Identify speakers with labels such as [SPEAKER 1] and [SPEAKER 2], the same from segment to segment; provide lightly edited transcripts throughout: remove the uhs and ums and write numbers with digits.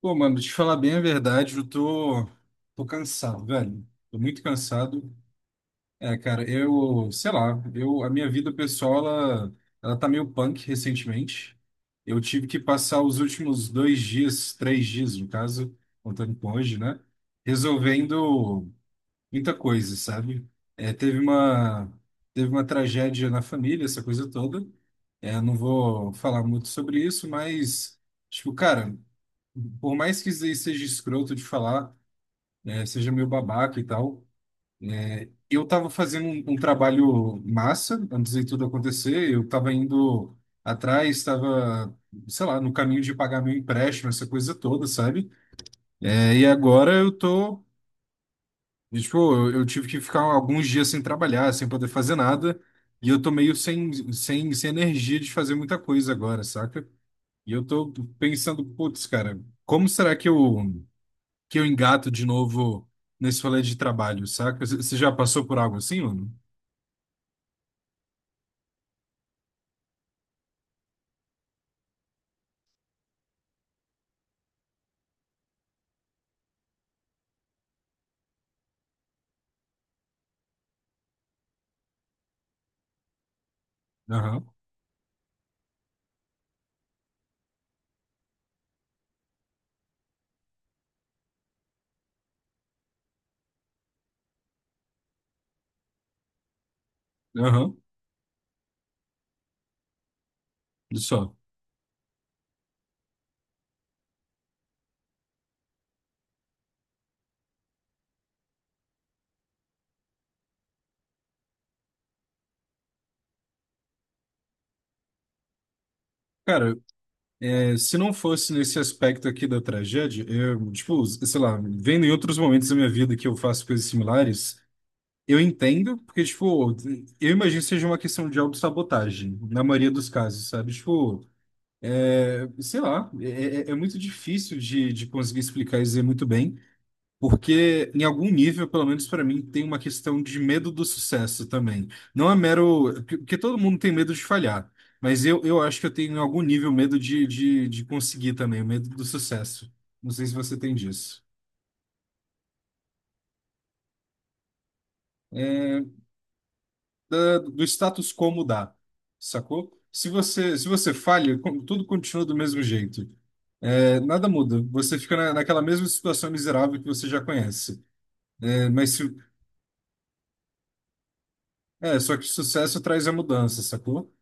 [SPEAKER 1] Pô, mano, te falar bem a verdade, eu tô cansado, velho. Tô muito cansado. Cara, eu, sei lá, eu, a minha vida pessoal, ela tá meio punk recentemente. Eu tive que passar os últimos dois dias, três dias, no caso, contando com hoje, né? Resolvendo muita coisa, sabe? É, teve uma, teve uma tragédia na família, essa coisa toda. Não vou falar muito sobre isso, mas, tipo, cara. Por mais que isso aí seja escroto de falar, seja meio babaca e tal, eu tava fazendo um trabalho massa antes de tudo acontecer. Eu tava indo atrás, sei lá, no caminho de pagar meu empréstimo, essa coisa toda, sabe? E agora tipo, eu tive que ficar alguns dias sem trabalhar, sem poder fazer nada, e eu tô meio sem energia de fazer muita coisa agora, saca? E eu tô pensando, putz, cara, como será que eu engato de novo nesse rolê de trabalho, saca? Você já passou por algo assim, mano? Aham, aham. Olha só. Cara, se não fosse nesse aspecto aqui da tragédia, eu, tipo, sei lá, vendo em outros momentos da minha vida que eu faço coisas similares, eu entendo, porque, tipo, eu imagino que seja uma questão de autossabotagem, na maioria dos casos, sabe? Tipo, é, sei lá, é, é- é muito difícil de conseguir explicar e dizer muito bem. Porque, em algum nível, pelo menos para mim, tem uma questão de medo do sucesso também. Não é mero. Porque todo mundo tem medo de falhar. Mas eu acho que eu tenho, em algum nível, medo de conseguir também, o medo do sucesso. Não sei se você tem disso. Do status quo mudar, sacou? Se você falha, tudo continua do mesmo jeito. É, nada muda. Você fica naquela mesma situação miserável que você já conhece. É, mas se, é, só que o sucesso traz a mudança, sacou?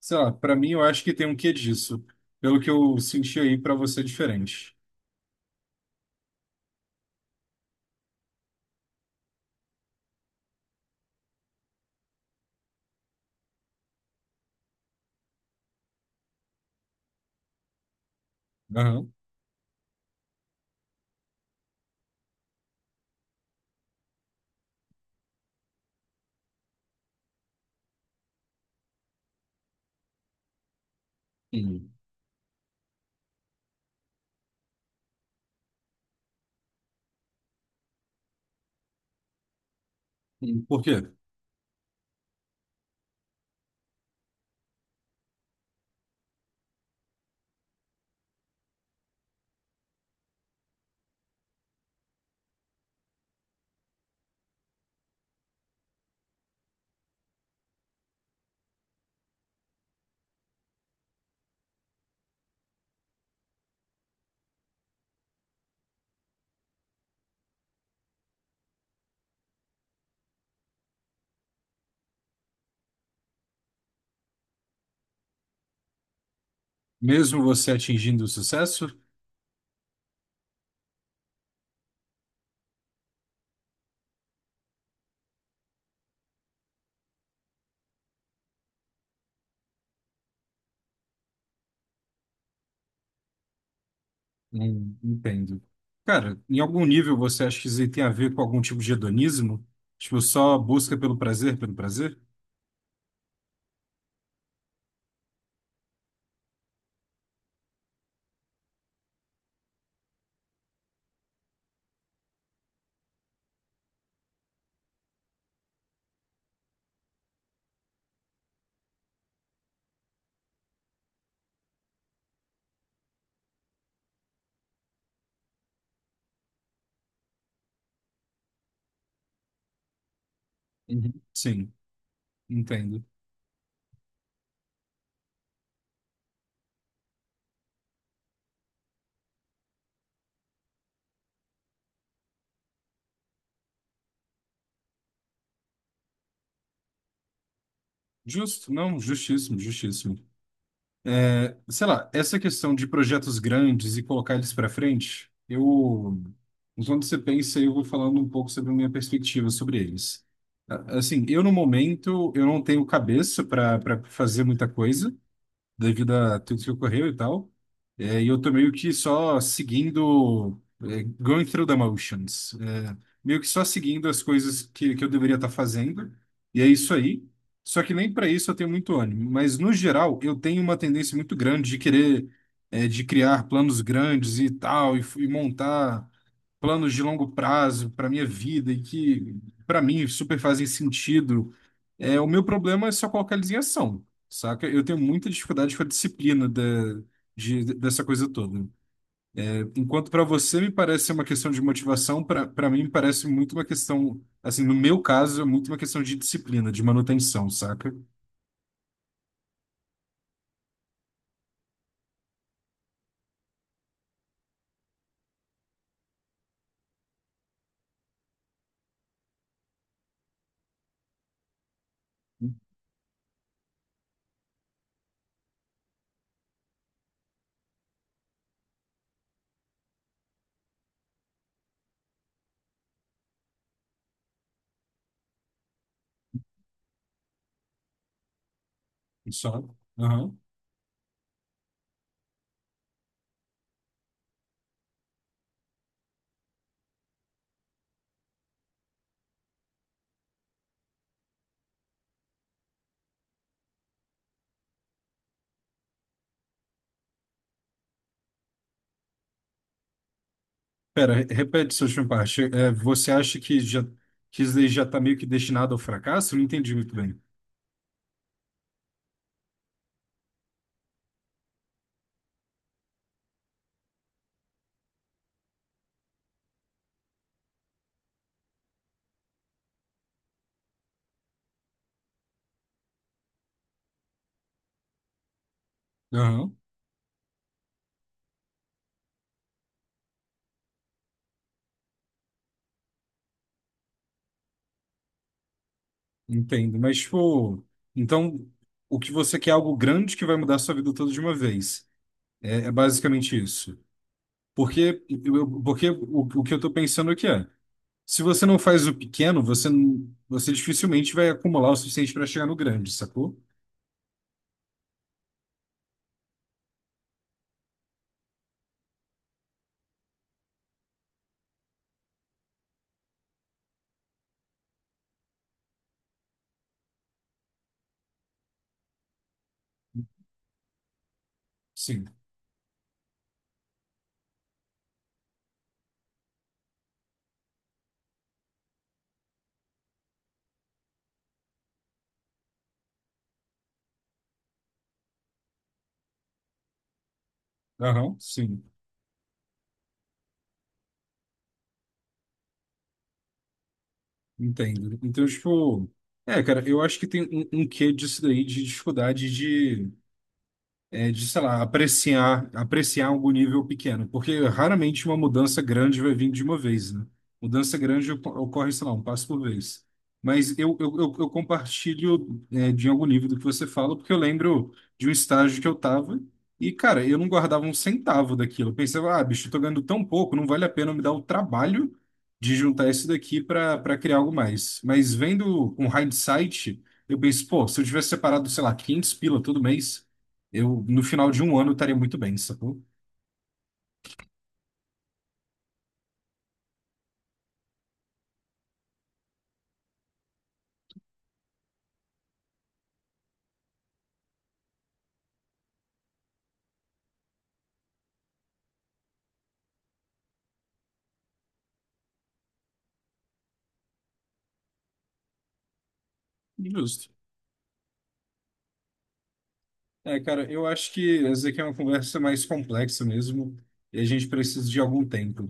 [SPEAKER 1] Sei lá, pra mim eu acho que tem um quê disso. Pelo que eu senti aí, pra você é diferente. Aham. Hum. Hum. Por quê? Mesmo você atingindo o sucesso? Entendo. Cara, em algum nível você acha que isso aí tem a ver com algum tipo de hedonismo? Tipo, só busca pelo prazer, pelo prazer? Uhum. Sim, entendo. Justo, não, justíssimo, justíssimo. É, sei lá, essa questão de projetos grandes e colocar eles para frente, eu, enquanto você pensa, eu vou falando um pouco sobre a minha perspectiva sobre eles. Assim, eu no momento, eu não tenho cabeça para fazer muita coisa, devido a tudo que ocorreu e tal. E eu tô meio que só seguindo, é, going through the motions. É, meio que só seguindo as coisas que eu deveria estar fazendo. E é isso aí. Só que nem para isso eu tenho muito ânimo. Mas, no geral, eu tenho uma tendência muito grande de querer, de criar planos grandes e tal, e montar planos de longo prazo para minha vida e que, para mim, super fazem sentido. É, o meu problema é só colocar eles em ação. Saca? Eu tenho muita dificuldade com a disciplina dessa coisa toda. Enquanto para você me parece ser uma questão de motivação, para mim me parece muito uma questão, assim, no meu caso, é muito uma questão de disciplina, de manutenção, saca? Só. Aham. Pera, repete sua última parte. É, você acha que já que isso daí já tá meio que destinado ao fracasso? Não entendi muito bem. Aham. Entendo, mas tipo, então o que você quer é algo grande que vai mudar a sua vida toda de uma vez. É, é basicamente isso. Porque, porque o que eu estou pensando aqui é, se você não faz o pequeno, você, não- você dificilmente vai acumular o suficiente para chegar no grande, sacou? Sim. Aham, sim. Entendo. Então, tipo, é, cara, eu acho que tem um quê disso daí de dificuldade sei lá, apreciar, apreciar algum nível pequeno, porque raramente uma mudança grande vai vir de uma vez, né? Mudança grande ocorre, sei lá, um passo por vez. Mas eu compartilho, de algum nível do que você fala, porque eu lembro de um estágio que eu tava e, cara, eu não guardava um centavo daquilo. Eu pensava, ah, bicho, eu tô ganhando tão pouco, não vale a pena me dar o trabalho de juntar isso daqui para criar algo mais. Mas vendo com hindsight, eu penso, pô, se eu tivesse separado, sei lá, 500 pila todo mês, eu, no final de um ano, estaria muito bem, sacou? Justo. É, cara, eu acho que essa aqui é uma conversa mais complexa mesmo, e a gente precisa de algum tempo.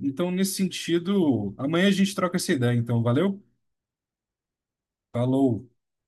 [SPEAKER 1] Então, nesse sentido, amanhã a gente troca essa ideia, então, valeu? Falou!